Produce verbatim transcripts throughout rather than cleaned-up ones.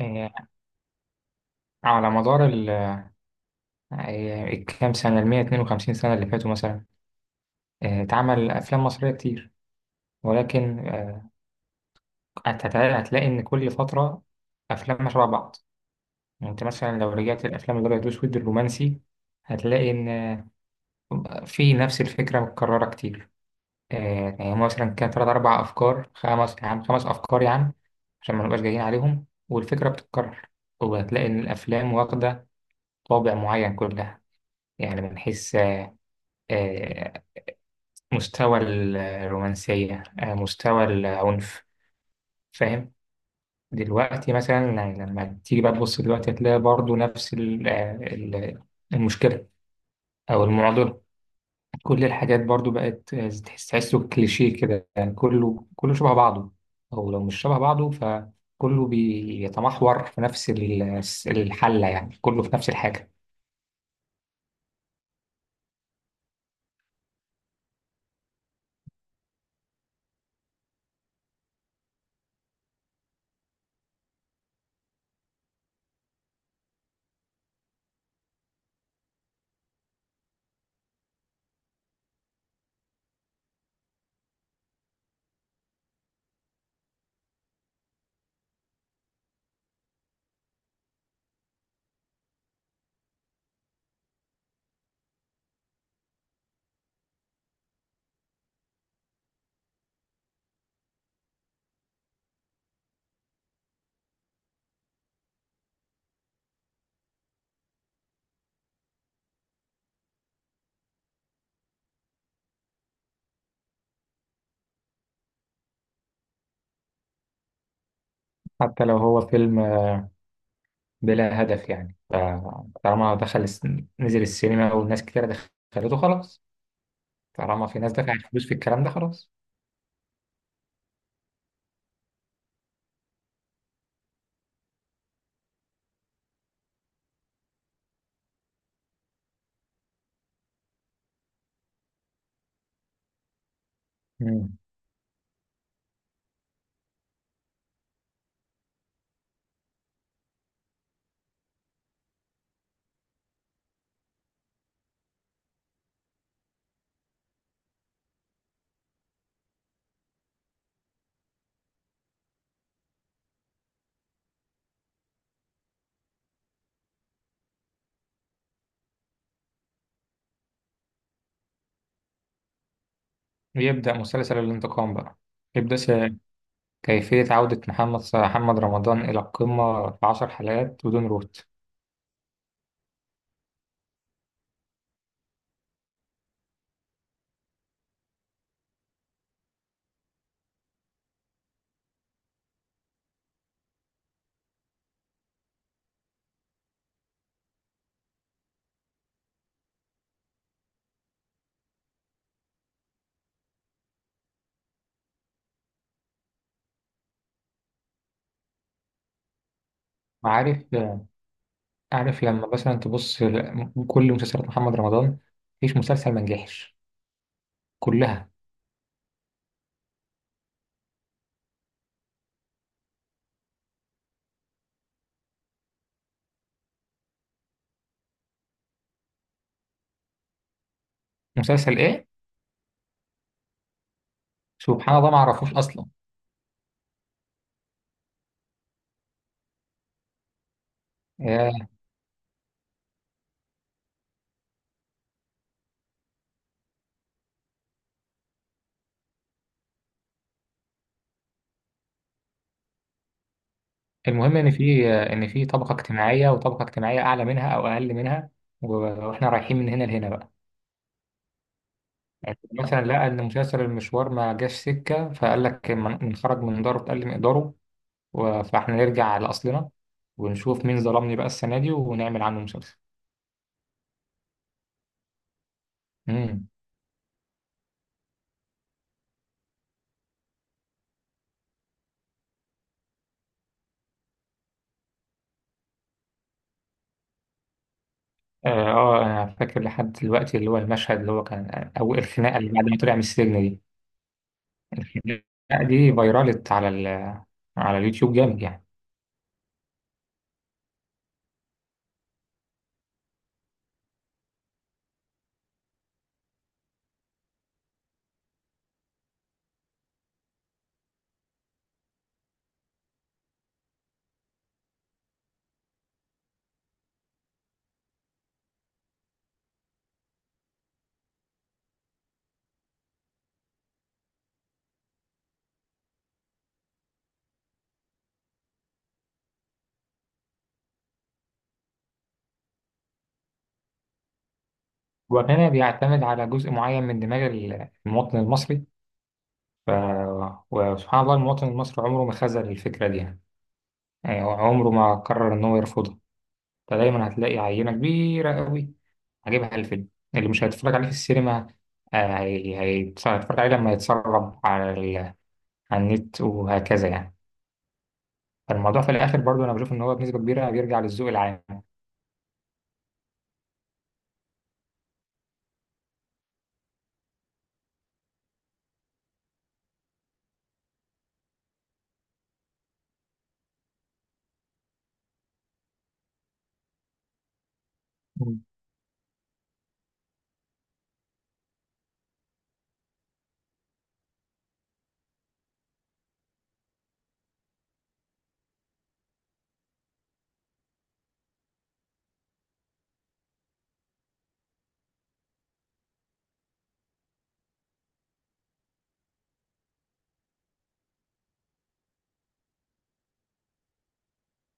آه، على مدار ال آه، الكام سنة المية اتنين وخمسين سنة اللي فاتوا مثلا. آه، اتعمل أفلام مصرية كتير، ولكن آه، هتت- هتلاقي إن كل فترة أفلام شبه بعض. يعني أنت مثلا لو رجعت الأفلام الأبيض وأسود الرومانسي هتلاقي إن آه، في نفس الفكرة متكررة كتير. آه، يعني مثلا كان تلات أربع أفكار خمس يا عم، خمس أفكار يا عم، عشان ما نبقاش جايين عليهم والفكرة بتتكرر. وهتلاقي إن الأفلام واخدة طابع معين كلها. يعني بنحس مستوى الرومانسية، آه، مستوى العنف، فاهم؟ دلوقتي مثلا يعني لما تيجي بقى تبص دلوقتي هتلاقي برضو نفس ال- آه، ال- المشكلة أو المعضلة. كل الحاجات برضو بقت آه، تحس تحسه كليشيه كده. يعني كله كله شبه بعضه، أو لو مش شبه بعضه فكله بيتمحور في نفس ال- الحلة. يعني كله في نفس الحاجة. حتى لو هو فيلم آه، بلا هدف، يعني فطالما دخل الس- نزل السينما والناس كتير دخلته، خلاص. طالما في ناس دفعت فلوس في الكلام ده، خلاص. مم. يبدأ مسلسل الانتقام بقى. يبدأ س- كيفية عودة محمد ص- محمد رمضان إلى القمة في عشر حلقات بدون روت. عارف، عارف لما مثلا تبص ل- كل مسلسلات محمد رمضان، مفيش مسلسل ما نجحش، كلها. مسلسل إيه؟ سبحان الله، ما عرفوش أصلا. آه، المهم إن في، إن في طبقة اجتماعية وطبقة اجتماعية أعلى منها أو أقل منها، و- وإحنا رايحين من هنا لهنا بقى. يعني مثلا لقى ان مسلسل المشوار ما جاش سكه، فقال لك من- نخرج من داره تقل مقداره، و- فاحنا نرجع لاصلنا ونشوف مين ظلمني بقى السنه دي ونعمل عنه مسلسل. امم. اه آه، انا فاكر لحد دلوقتي اللي هو المشهد اللي هو كان او الخناقه اللي بعد ما طلع من السجن دي. الخناقه دي فيرالت على ال على اليوتيوب جامد يعني. وهنا بيعتمد على جزء معين من دماغ المواطن المصري، ف... وسبحان الله المواطن المصري عمره ما خذل الفكره دي يعني. يعني هو عمره ما قرر ان هو يرفضها. فدايما هتلاقي عينة كبيرة قوي هجيبها الفيلم اللي مش هيتفرج عليه في السينما. آه، هي- هيتص- هيتفرج عليه لما يتسرب على ال... على النت وهكذا يعني. فالموضوع في الآخر برضو أنا بشوف إن هو بنسبة كبيرة بيرجع للذوق العام. مم.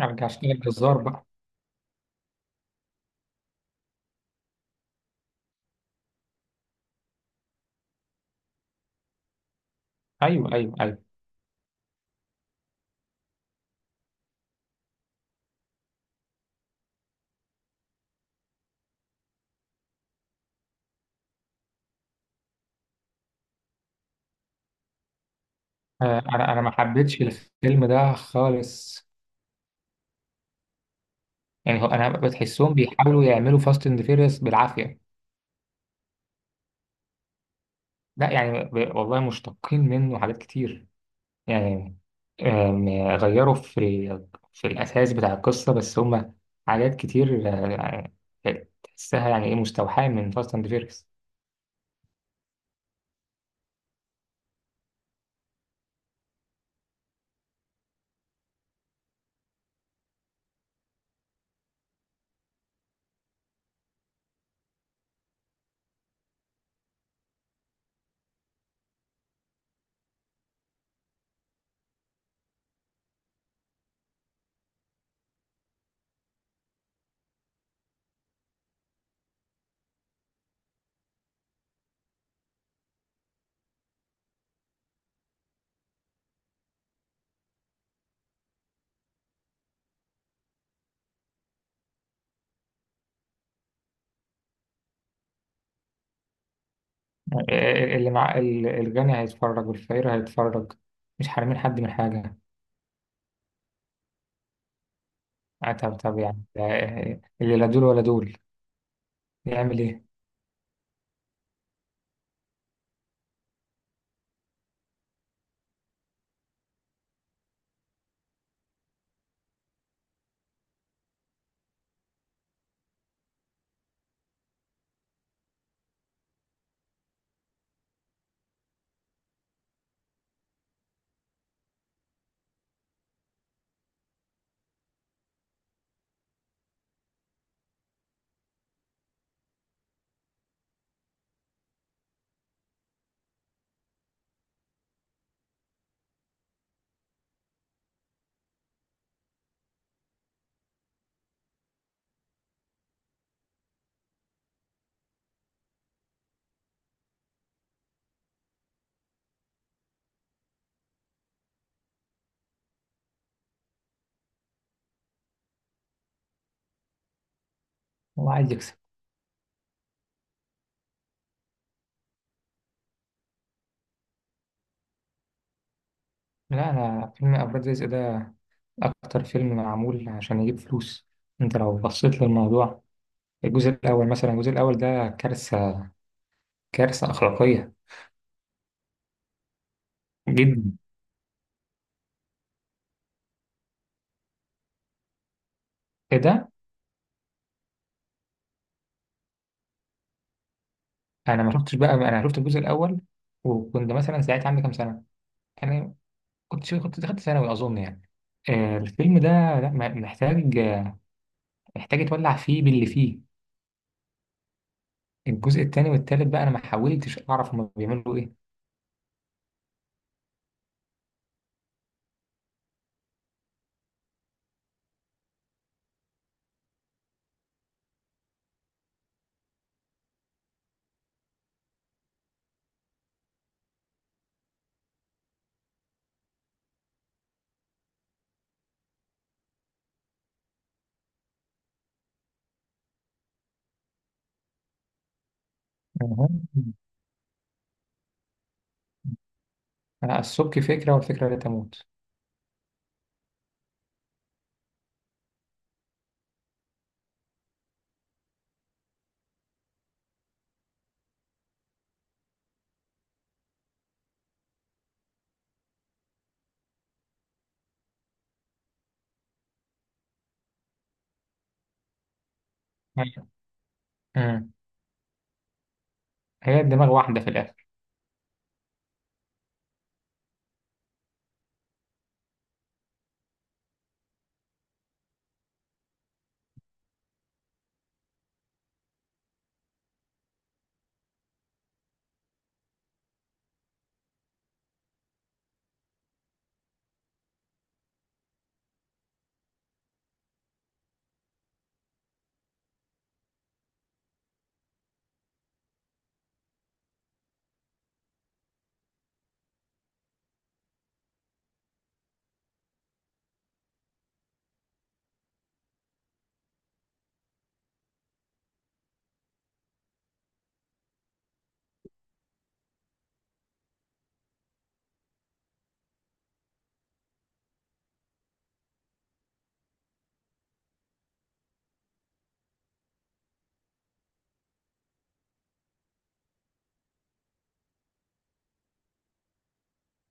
أرجع أشتغل جزار بقى. أيوه، أيوه، أيوه. آه، أنا أنا ما حبيتش الفيلم ده خالص. يعني هو أنا بتحسهم بيحاولوا يعملوا فاست أند فيريوس بالعافية. لا يعني ب... والله مشتقين منه حاجات كتير يعني. آم، غيروا في ال- في الأساس بتاع القصة، بس هما حاجات كتير، آه، آه، تحسها يعني إيه، مستوحاة من فاست أند فيريس. اللي مع ال- الغني هيتفرج، والفقير هيتفرج، مش حارمين حد من حاجة. آه، طب طب يعني آه، آه، اللي لا دول ولا دول يعمل إيه؟ هو عايز يكسب. لا، أنا فيلم أفراد رزق ده أكتر فيلم معمول عشان يجيب فلوس. أنت لو بصيت للموضوع، الجزء الأول مثلا، الجزء الأول ده كارثة، كارثة أخلاقية جدا كده. انا ما شفتش بقى، انا شفت الجزء الاول وكنت مثلا ساعتها عندي كام سنه، انا كنت شو كنت دخلت ثانوي اظن يعني. آه، الفيلم ده لا م- محتاج، آه، محتاج يتولع فيه باللي فيه. الجزء الثاني والثالث بقى انا ما حاولتش اعرف هم بيعملوا ايه. أها. آه، السبك فكره، والفكره لا تموت. أيوة. أمم. هي دماغ واحده في الاخر.